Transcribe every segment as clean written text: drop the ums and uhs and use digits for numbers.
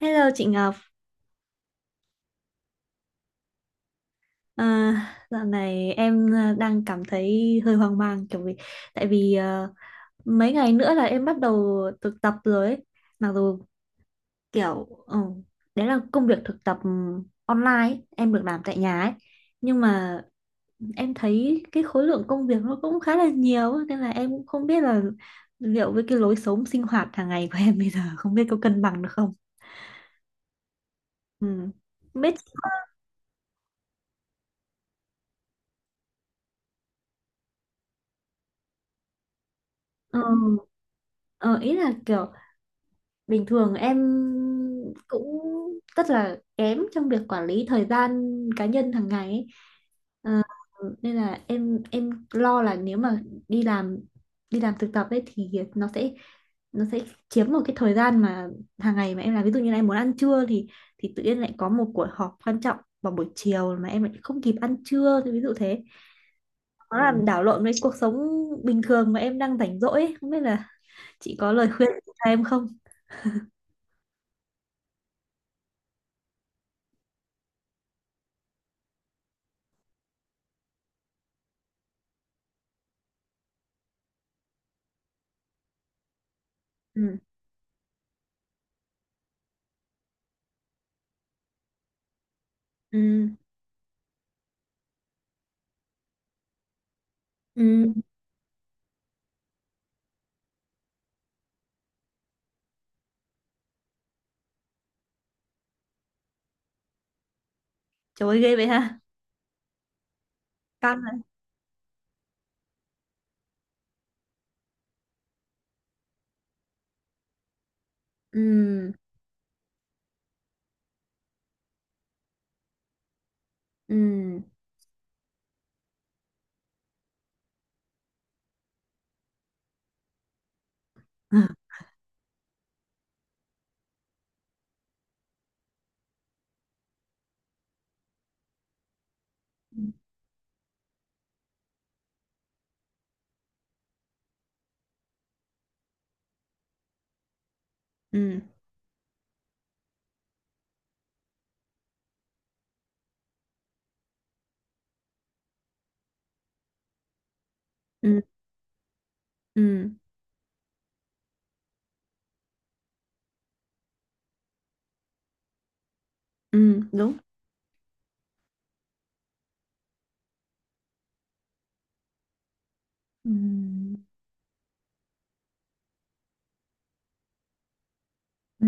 Hello chị Ngọc, à, dạo này em à, đang cảm thấy hơi hoang mang kiểu tại vì à, mấy ngày nữa là em bắt đầu thực tập rồi ấy. Mặc dù kiểu ừ, đấy là công việc thực tập online ấy, em được làm tại nhà ấy nhưng mà em thấy cái khối lượng công việc nó cũng khá là nhiều ấy, nên là em cũng không biết là liệu với cái lối sống sinh hoạt hàng ngày của em bây giờ không biết có cân bằng được không. Ừ. Không biết. Ừ, ờ, ý là kiểu bình thường em cũng rất là kém trong việc quản lý thời gian cá nhân hàng ngày ấy. Ờ, nên là em lo là nếu mà đi làm đi làm thực tập ấy thì nó sẽ chiếm một cái thời gian mà hàng ngày mà em làm, ví dụ như là em muốn ăn trưa thì tự nhiên lại có một cuộc họp quan trọng vào buổi chiều mà em lại không kịp ăn trưa, thì ví dụ thế. Nó làm đảo lộn với cuộc sống bình thường mà em đang rảnh rỗi ấy. Không biết là chị có lời khuyên cho em không. Ừ. Ừ. Ừ. Trời ơi, ghê vậy ha. Căng rồi. Ừ. Ừ. Ừ. Ừ. Ừ. Ừ. Ừ. Đúng. Ừ. Ừ.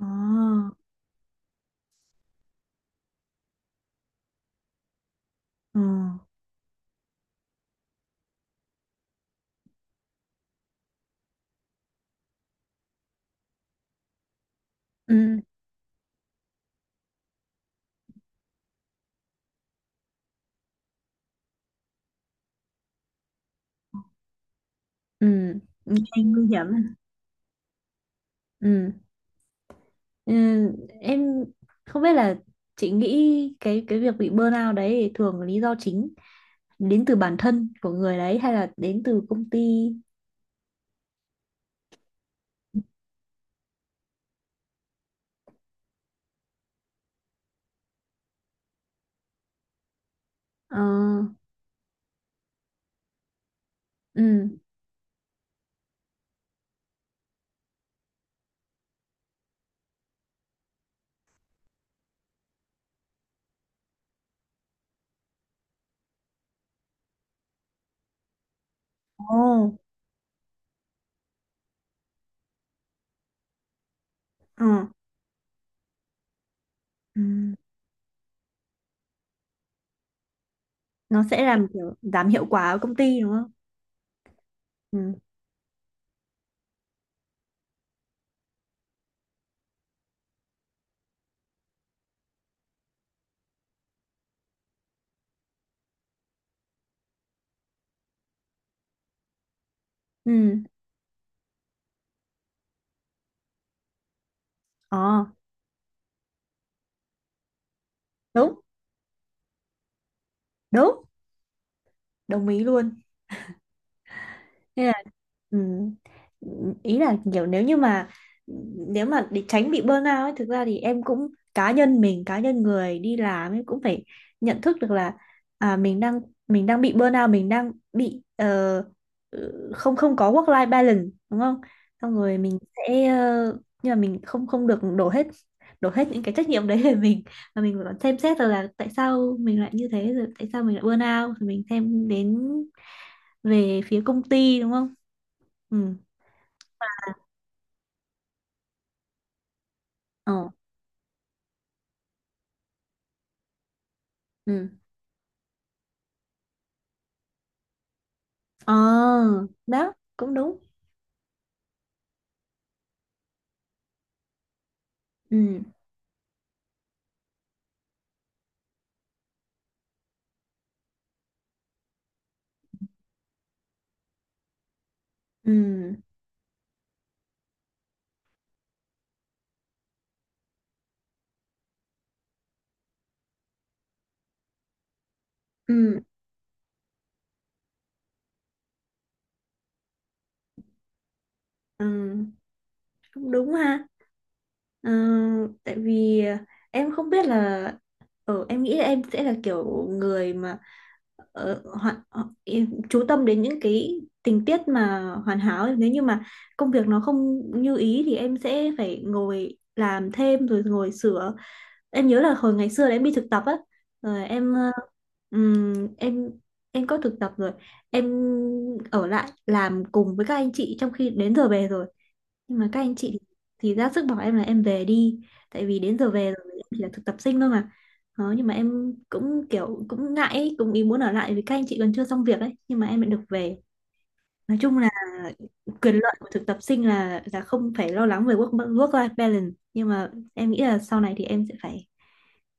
Ồ. Ờ. Ừ. Ừ. Nghe nguy hiểm. Ừ. Ừ. Em không biết là chị nghĩ cái việc bị burnout đấy thì thường lý do chính đến từ bản thân của người đấy hay là đến từ công ty. Ờ. Ừ. Ồ. Ờ. Ừ. Nó sẽ làm kiểu giảm hiệu quả ở công ty đúng. Ừ, ừ, ờ, đúng, đúng, đồng ý luôn. Nên là, ừm, ý là kiểu nếu như mà nếu mà để tránh bị burnout ấy, thực ra thì em cũng, cá nhân mình, cá nhân người đi làm ấy cũng phải nhận thức được là, à, mình đang, mình đang bị burnout, mình đang bị không không có work life balance, đúng không? Xong rồi mình sẽ, nhưng mà mình không không được đổ hết những cái trách nhiệm đấy về mình, và mình phải còn xem xét rồi là tại sao mình lại như thế, rồi tại sao mình lại burnout, rồi mình xem đến về phía công ty, đúng không. Ừ. Ờ. Ừ. Ờ. Đó cũng đúng. Ừ. Ừ. Ừ. Ừ. Cũng đúng ha. Ờ, tại vì em không biết là, ở, em nghĩ là em sẽ là kiểu người mà, em chú tâm đến những cái tình tiết mà hoàn hảo ấy. Nếu như mà công việc nó không như ý thì em sẽ phải ngồi làm thêm rồi ngồi sửa. Em nhớ là hồi ngày xưa là em đi thực tập á, rồi em, ừm, em em có thực tập rồi, em ở lại làm cùng với các anh chị trong khi đến giờ về rồi, nhưng mà các anh chị thì ra sức bảo em là em về đi, tại vì đến giờ về rồi, em chỉ là thực tập sinh thôi mà. Đó, nhưng mà em cũng kiểu cũng ngại ấy, cũng ý muốn ở lại vì các anh chị còn chưa xong việc ấy nhưng mà em lại được về. Nói chung là quyền lợi của thực tập sinh là không phải lo lắng về work work life balance, nhưng mà em nghĩ là sau này thì em sẽ phải,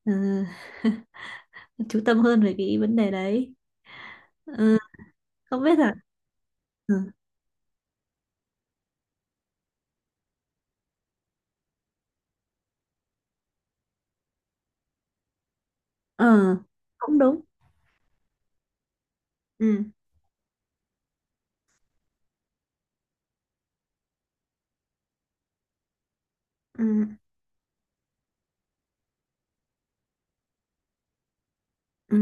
ờ, chú tâm hơn về cái vấn đề đấy. Ờ, không biết là. Ừ. Ờ. Cũng đúng. Ừ. Ừ. Ừ.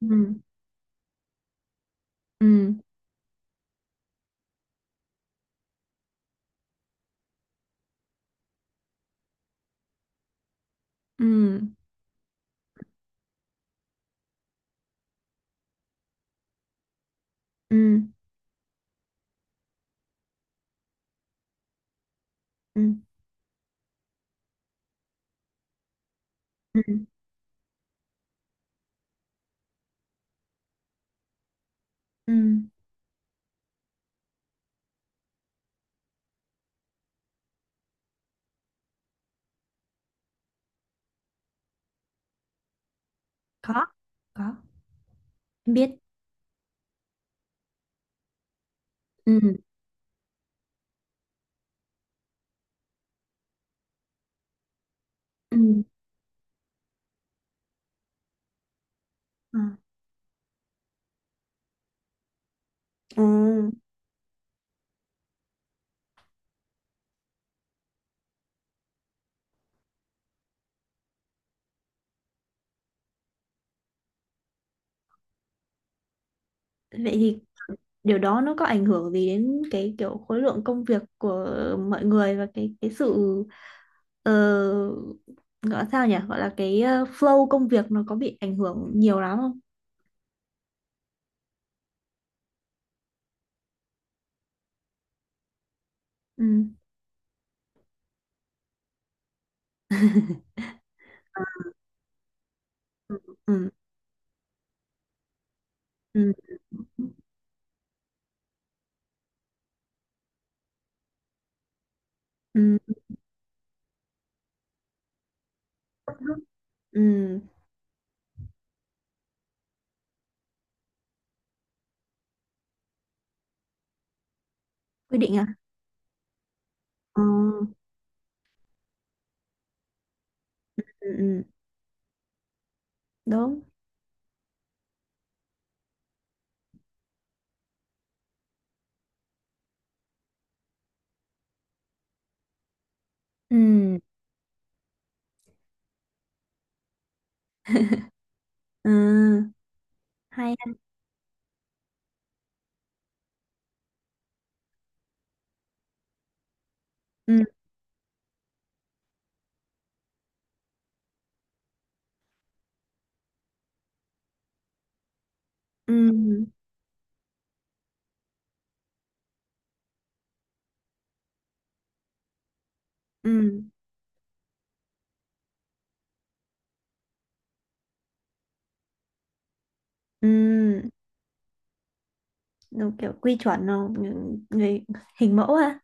Ừ. Ừ. Ừ. Ừ. Ừ. Ừ. Ừ. có có, em biết. Ừ. Ừ. Ờ. Ừ. Vậy thì điều đó nó có ảnh hưởng gì đến cái kiểu khối lượng công việc của mọi người và cái sự, ờ, gọi là sao nhỉ, gọi là cái, ờ, flow công việc nó có bị ảnh hưởng nhiều lắm không. Ừ. Ừ. Ừ. Ừ. Ừ. Ừ. Quy định à. Ừ. Ừ. Ừ, đúng. Ừ. Ừ. Hay ha. Ừ. Ừ. Ừ. Ừ. Đúng kiểu quy chuẩn. Không người, người hình mẫu ha.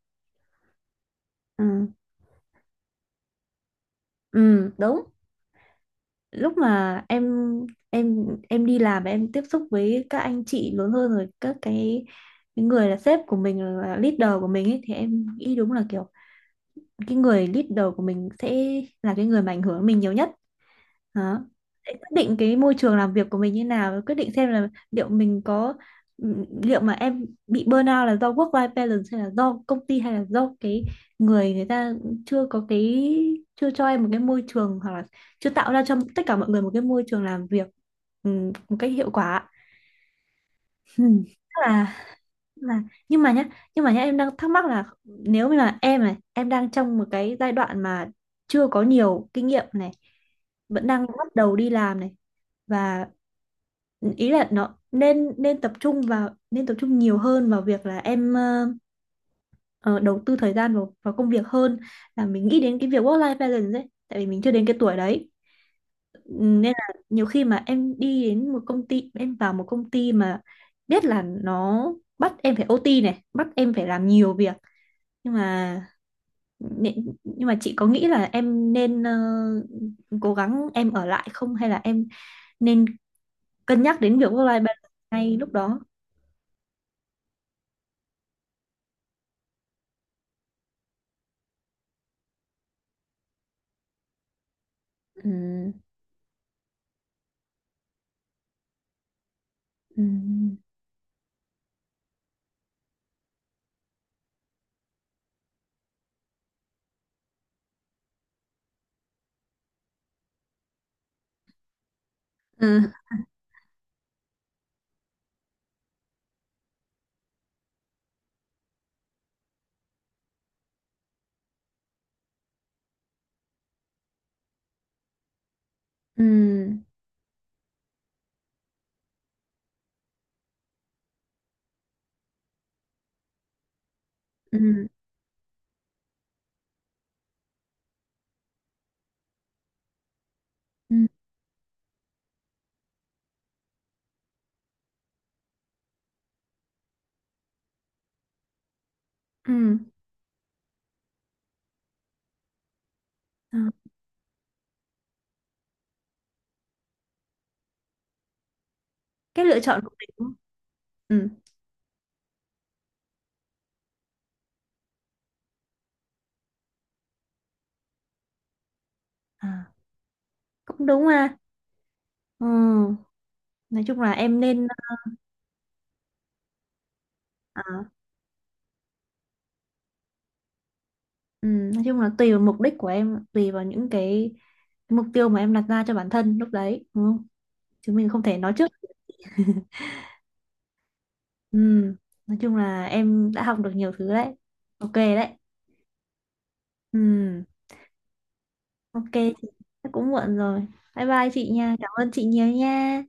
Ừ. Ừ. Đúng. Lúc mà em đi làm và em tiếp xúc với các anh chị lớn hơn, rồi các cái người là sếp của mình, là leader của mình ấy, thì em nghĩ đúng là kiểu cái người leader của mình sẽ là cái người mà ảnh hưởng mình nhiều nhất đó. Để quyết định cái môi trường làm việc của mình như nào, và quyết định xem là liệu mình có, liệu mà em bị burnout là do work life balance, hay là do công ty, hay là do cái người người ta chưa có cái chưa cho em một cái môi trường, hoặc là chưa tạo ra cho tất cả mọi người một cái môi trường làm việc, ừ, một cách hiệu quả. Ừ. Chắc là là. Nhưng mà nhá nhưng mà nhá em đang thắc mắc là, nếu như là em này, em đang trong một cái giai đoạn mà chưa có nhiều kinh nghiệm này, vẫn đang bắt đầu đi làm này, và ý là nó nên nên tập trung nhiều hơn vào việc là em, ờ, đầu tư thời gian vào, công việc hơn là mình nghĩ đến cái việc work life balance ấy, tại vì mình chưa đến cái tuổi đấy, nên là nhiều khi mà em đi đến một công ty, em vào một công ty mà biết là nó bắt em phải OT này, bắt em phải làm nhiều việc, nhưng mà nhưng mà chị có nghĩ là em nên, cố gắng em ở lại không, hay là em nên cân nhắc đến việc work life balance ngay lúc đó. Ừ. Ừ. Ừ. Ừ. Ừ. Ừ. Ừ. Ờ, cái lựa chọn của mình đúng. Ừ. À, cũng đúng ha. Ừ. Nói chung là em nên. À. Ừ, nói chung là tùy vào mục đích của em, tùy vào những cái mục tiêu mà em đặt ra cho bản thân lúc đấy, đúng không? Chứ mình không thể nói trước. Ừ, nói chung là em đã học được nhiều thứ đấy. Ok đấy. Ừ, ok, chị. Chắc cũng muộn rồi. Bye bye chị nha. Cảm ơn chị nhiều nha.